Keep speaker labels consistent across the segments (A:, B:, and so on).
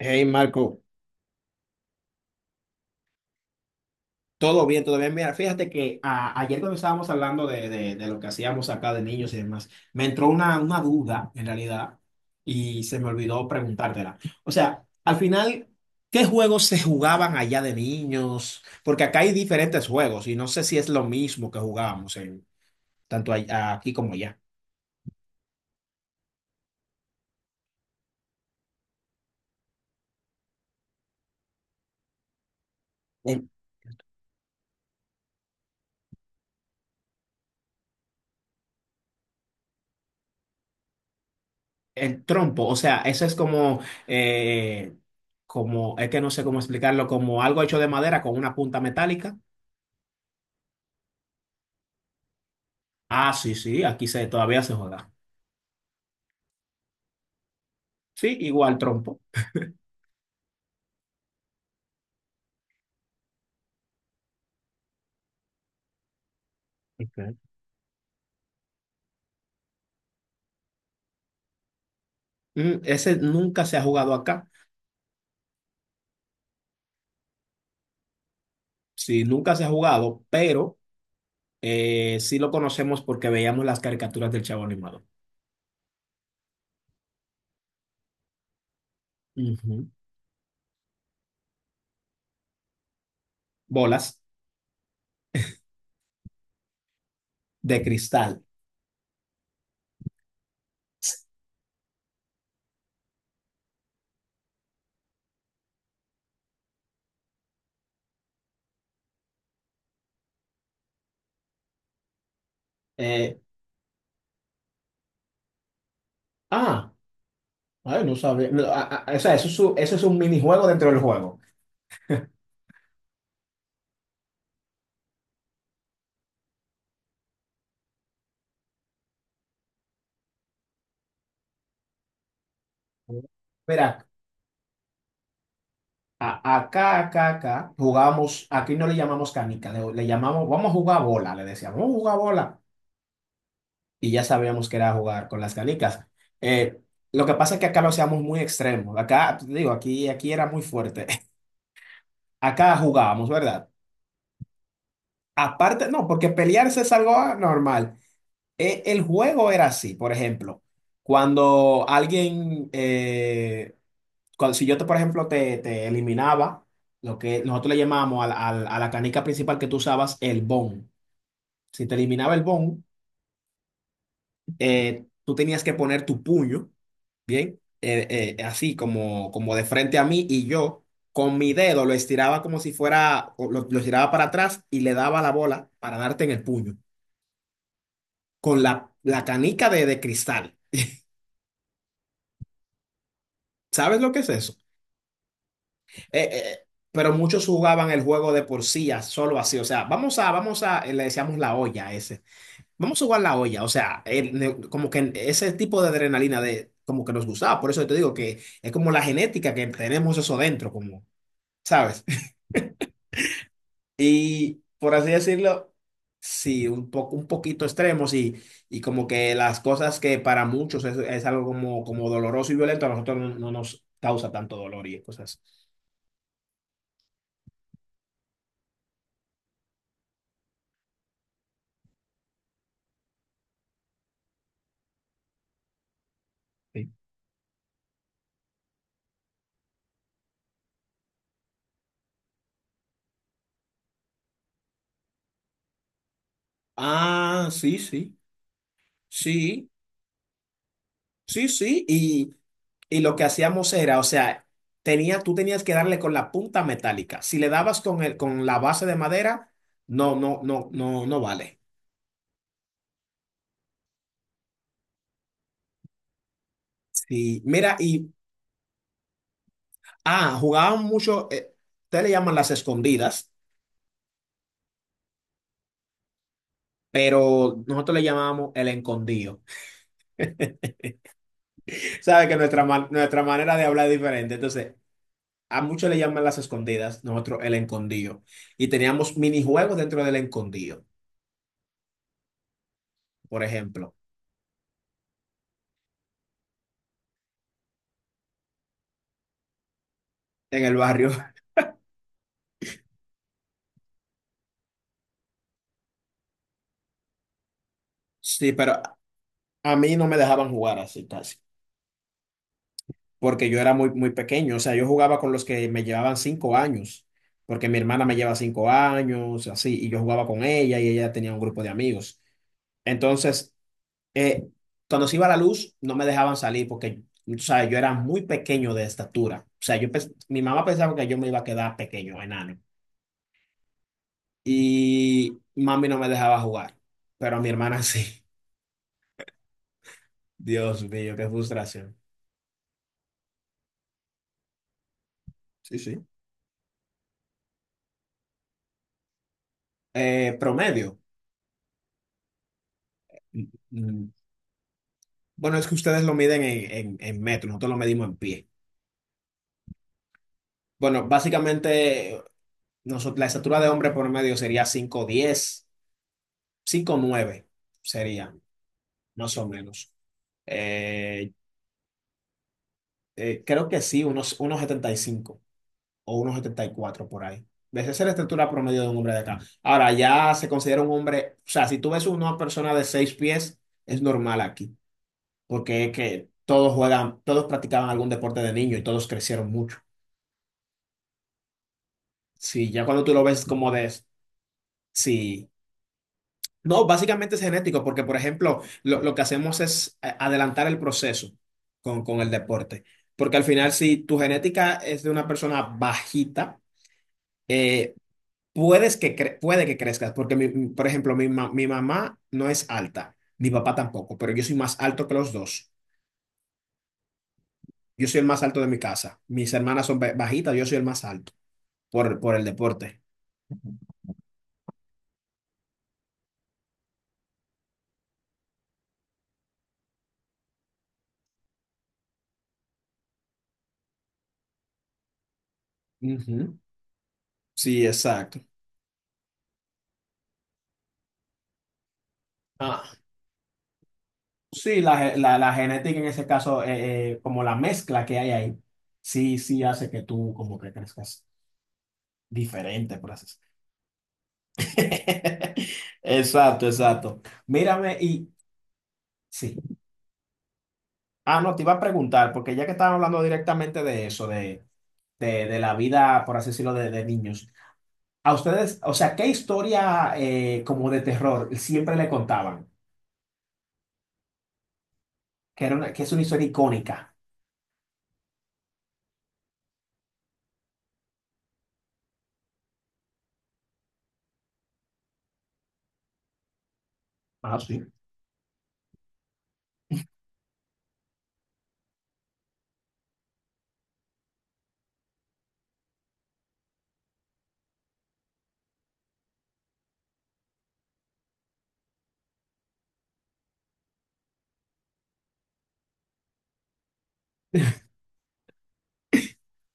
A: Hey Marco, todo bien, todo bien. Mira, fíjate que ayer cuando estábamos hablando de lo que hacíamos acá de niños y demás, me entró una duda en realidad y se me olvidó preguntártela. O sea, al final, ¿qué juegos se jugaban allá de niños? Porque acá hay diferentes juegos y no sé si es lo mismo que jugábamos tanto aquí como allá. El, el trompo, o sea, eso es eh, como, es que no sé cómo explicarlo, como algo hecho de madera con una punta metálica. Ah, sí, sí, aquí se, todavía se juega. Sí, igual trompo. Ok. Ese nunca se ha jugado acá. Sí, nunca se ha jugado, pero sí lo conocemos porque veíamos las caricaturas del Chavo Animado. Ujú. Bolas de cristal. Eh, ah, Ay, no sabía. No, o sea, eso es, eso es un minijuego dentro del juego. Mira, acá, jugamos, aquí no le llamamos canica, le llamamos, vamos a jugar bola, le decíamos, vamos a jugar bola. Y ya sabíamos que era jugar con las canicas. Eh, lo que pasa es que acá lo hacíamos muy extremo. Acá, te digo, aquí era muy fuerte. Acá jugábamos, ¿verdad? Aparte, no, porque pelearse es algo normal. El juego era así, por ejemplo, cuando alguien, cuando, si yo, te, por ejemplo, te eliminaba, lo que nosotros le llamábamos a la canica principal que tú usabas, el bon. Si te eliminaba el bon, tú tenías que poner tu puño, ¿bien? Así como, como de frente a mí y yo con mi dedo lo estiraba como si fuera, o lo estiraba para atrás y le daba la bola para darte en el puño, con la canica de cristal. ¿Sabes lo que es eso? Eh, eh, eh, pero muchos jugaban el juego de por sí, solo así. O sea, le decíamos la olla a ese. Vamos a jugar la olla, o sea, como que ese tipo de adrenalina de, como que nos gustaba, por eso te digo que es como la genética que tenemos eso dentro, como, ¿sabes? Y por así decirlo, sí, un poco, un poquito extremos y como que las cosas que para muchos es algo como doloroso y violento, a nosotros no nos causa tanto dolor y cosas. Así. Ah, sí, sí, sí. Sí, sí, y lo que hacíamos era, o sea, tenía, tú tenías que darle con la punta metálica. Si le dabas con el, con la base de madera, no, no, no, no, no vale. Y mira, jugaban mucho, ustedes le llaman las escondidas, pero nosotros le llamábamos el escondido. Sabe que nuestra, nuestra manera de hablar es diferente. Entonces, a muchos le llaman las escondidas, nosotros el escondido. Y teníamos minijuegos dentro del escondido, por ejemplo, en el barrio. Sí, pero a mí no me dejaban jugar así casi, porque yo era muy, muy pequeño, o sea, yo jugaba con los que me llevaban 5 años, porque mi hermana me lleva 5 años, así, y yo jugaba con ella y ella tenía un grupo de amigos. Entonces, eh, cuando se iba la luz, no me dejaban salir porque, o sea, yo era muy pequeño de estatura, o sea, yo, mi mamá pensaba que yo me iba a quedar pequeño, enano, y mami no me dejaba jugar, pero a mi hermana sí. Dios mío, qué frustración. Sí, sí. Promedio. Bueno, es que ustedes lo miden en, en metro, nosotros lo medimos en pie. Bueno, básicamente nosotros, la estatura de hombre por medio sería cinco diez, cinco nueve sería, más o menos. Eh, Creo que sí, unos 75 o unos 74 por ahí. Esa es la estatura promedio de un hombre de acá. Ahora, ya se considera un hombre, o sea, si tú ves una persona de 6 pies, es normal aquí, porque es que todos juegan, todos practicaban algún deporte de niño y todos crecieron mucho. Sí, ya cuando tú lo ves como de... Sí. No, básicamente es genético, porque por ejemplo, lo que hacemos es adelantar el proceso con el deporte. Porque al final, si tu genética es de una persona bajita, eh, puedes que cre- puede que crezcas, porque por ejemplo, mi mamá no es alta, mi papá tampoco, pero yo soy más alto que los dos. Yo soy el más alto de mi casa. Mis hermanas son bajitas, yo soy el más alto por el deporte. Ujú. Sí, exacto. Sí, la genética en ese caso, como la mezcla que hay ahí, sí, sí hace que tú como que crezcas diferente, por así decirlo. Exacto, exacto. Mírame y sí. Ah, no, te iba a preguntar, porque ya que estaban hablando directamente de eso, de, de la vida, por así decirlo, de niños, a ustedes, o sea, ¿qué historia como de terror siempre le contaban? Que, era una, que es una historia icónica. Ah, sí.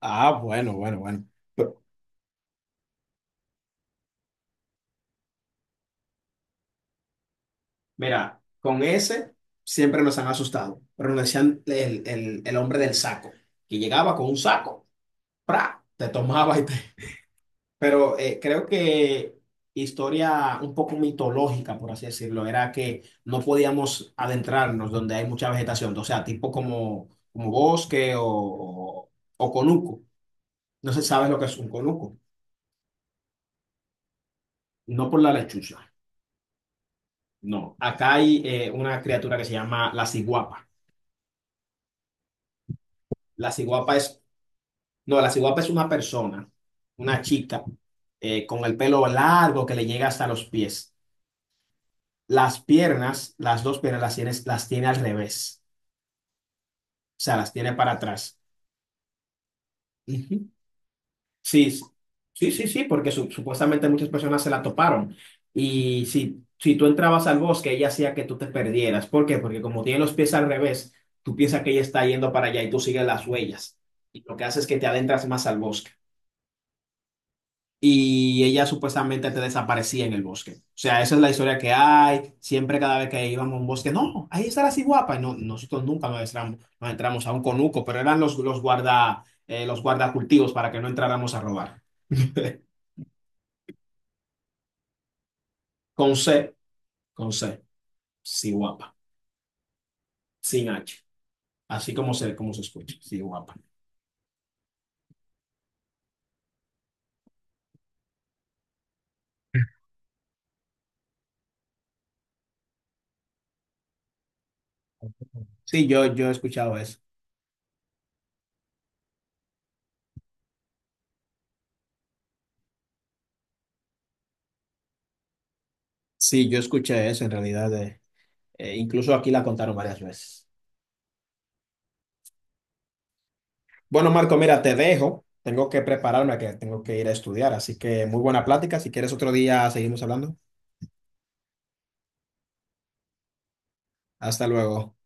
A: Ah, bueno, bueno, bueno. Mira, con ese siempre nos han asustado, pero nos decían el hombre del saco, que llegaba con un saco, ¡pra! Te tomaba y te... Pero creo que historia un poco mitológica, por así decirlo, era que no podíamos adentrarnos donde hay mucha vegetación, o sea, tipo como bosque o conuco. No se sabe lo que es un conuco, no por la lechuza, no. Acá hay una criatura que se llama la ciguapa. La ciguapa es No, la ciguapa es una persona, una chica, con el pelo largo que le llega hasta los pies. Las piernas, las dos piernas las tiene al revés, o sea, las tiene para atrás. Ujú. Sí, sí, sí, sí, porque supuestamente muchas personas se la toparon. Y si, si tú entrabas al bosque, ella hacía que tú te perdieras. ¿Por qué? Porque como tiene los pies al revés, tú piensas que ella está yendo para allá y tú sigues las huellas. Y lo que hace es que te adentras más al bosque. Y ella supuestamente te desaparecía en el bosque. O sea, esa es la historia que hay. Siempre cada vez que íbamos a un bosque, no, ahí está la guapa. Y no, nosotros nunca nos entramos, nos entramos a un conuco, pero eran los, los guardacultivos para que no entráramos a robar. Con C, con C, sí, guapa, sin H. Así como se, escucha, sí, guapa. Sí, yo he escuchado eso. Sí, yo escuché eso en realidad. E incluso aquí la contaron varias veces. Bueno, Marco, mira, te dejo. Tengo que prepararme, que tengo que ir a estudiar. Así que muy buena plática. Si quieres otro día, seguimos hablando. Hasta luego.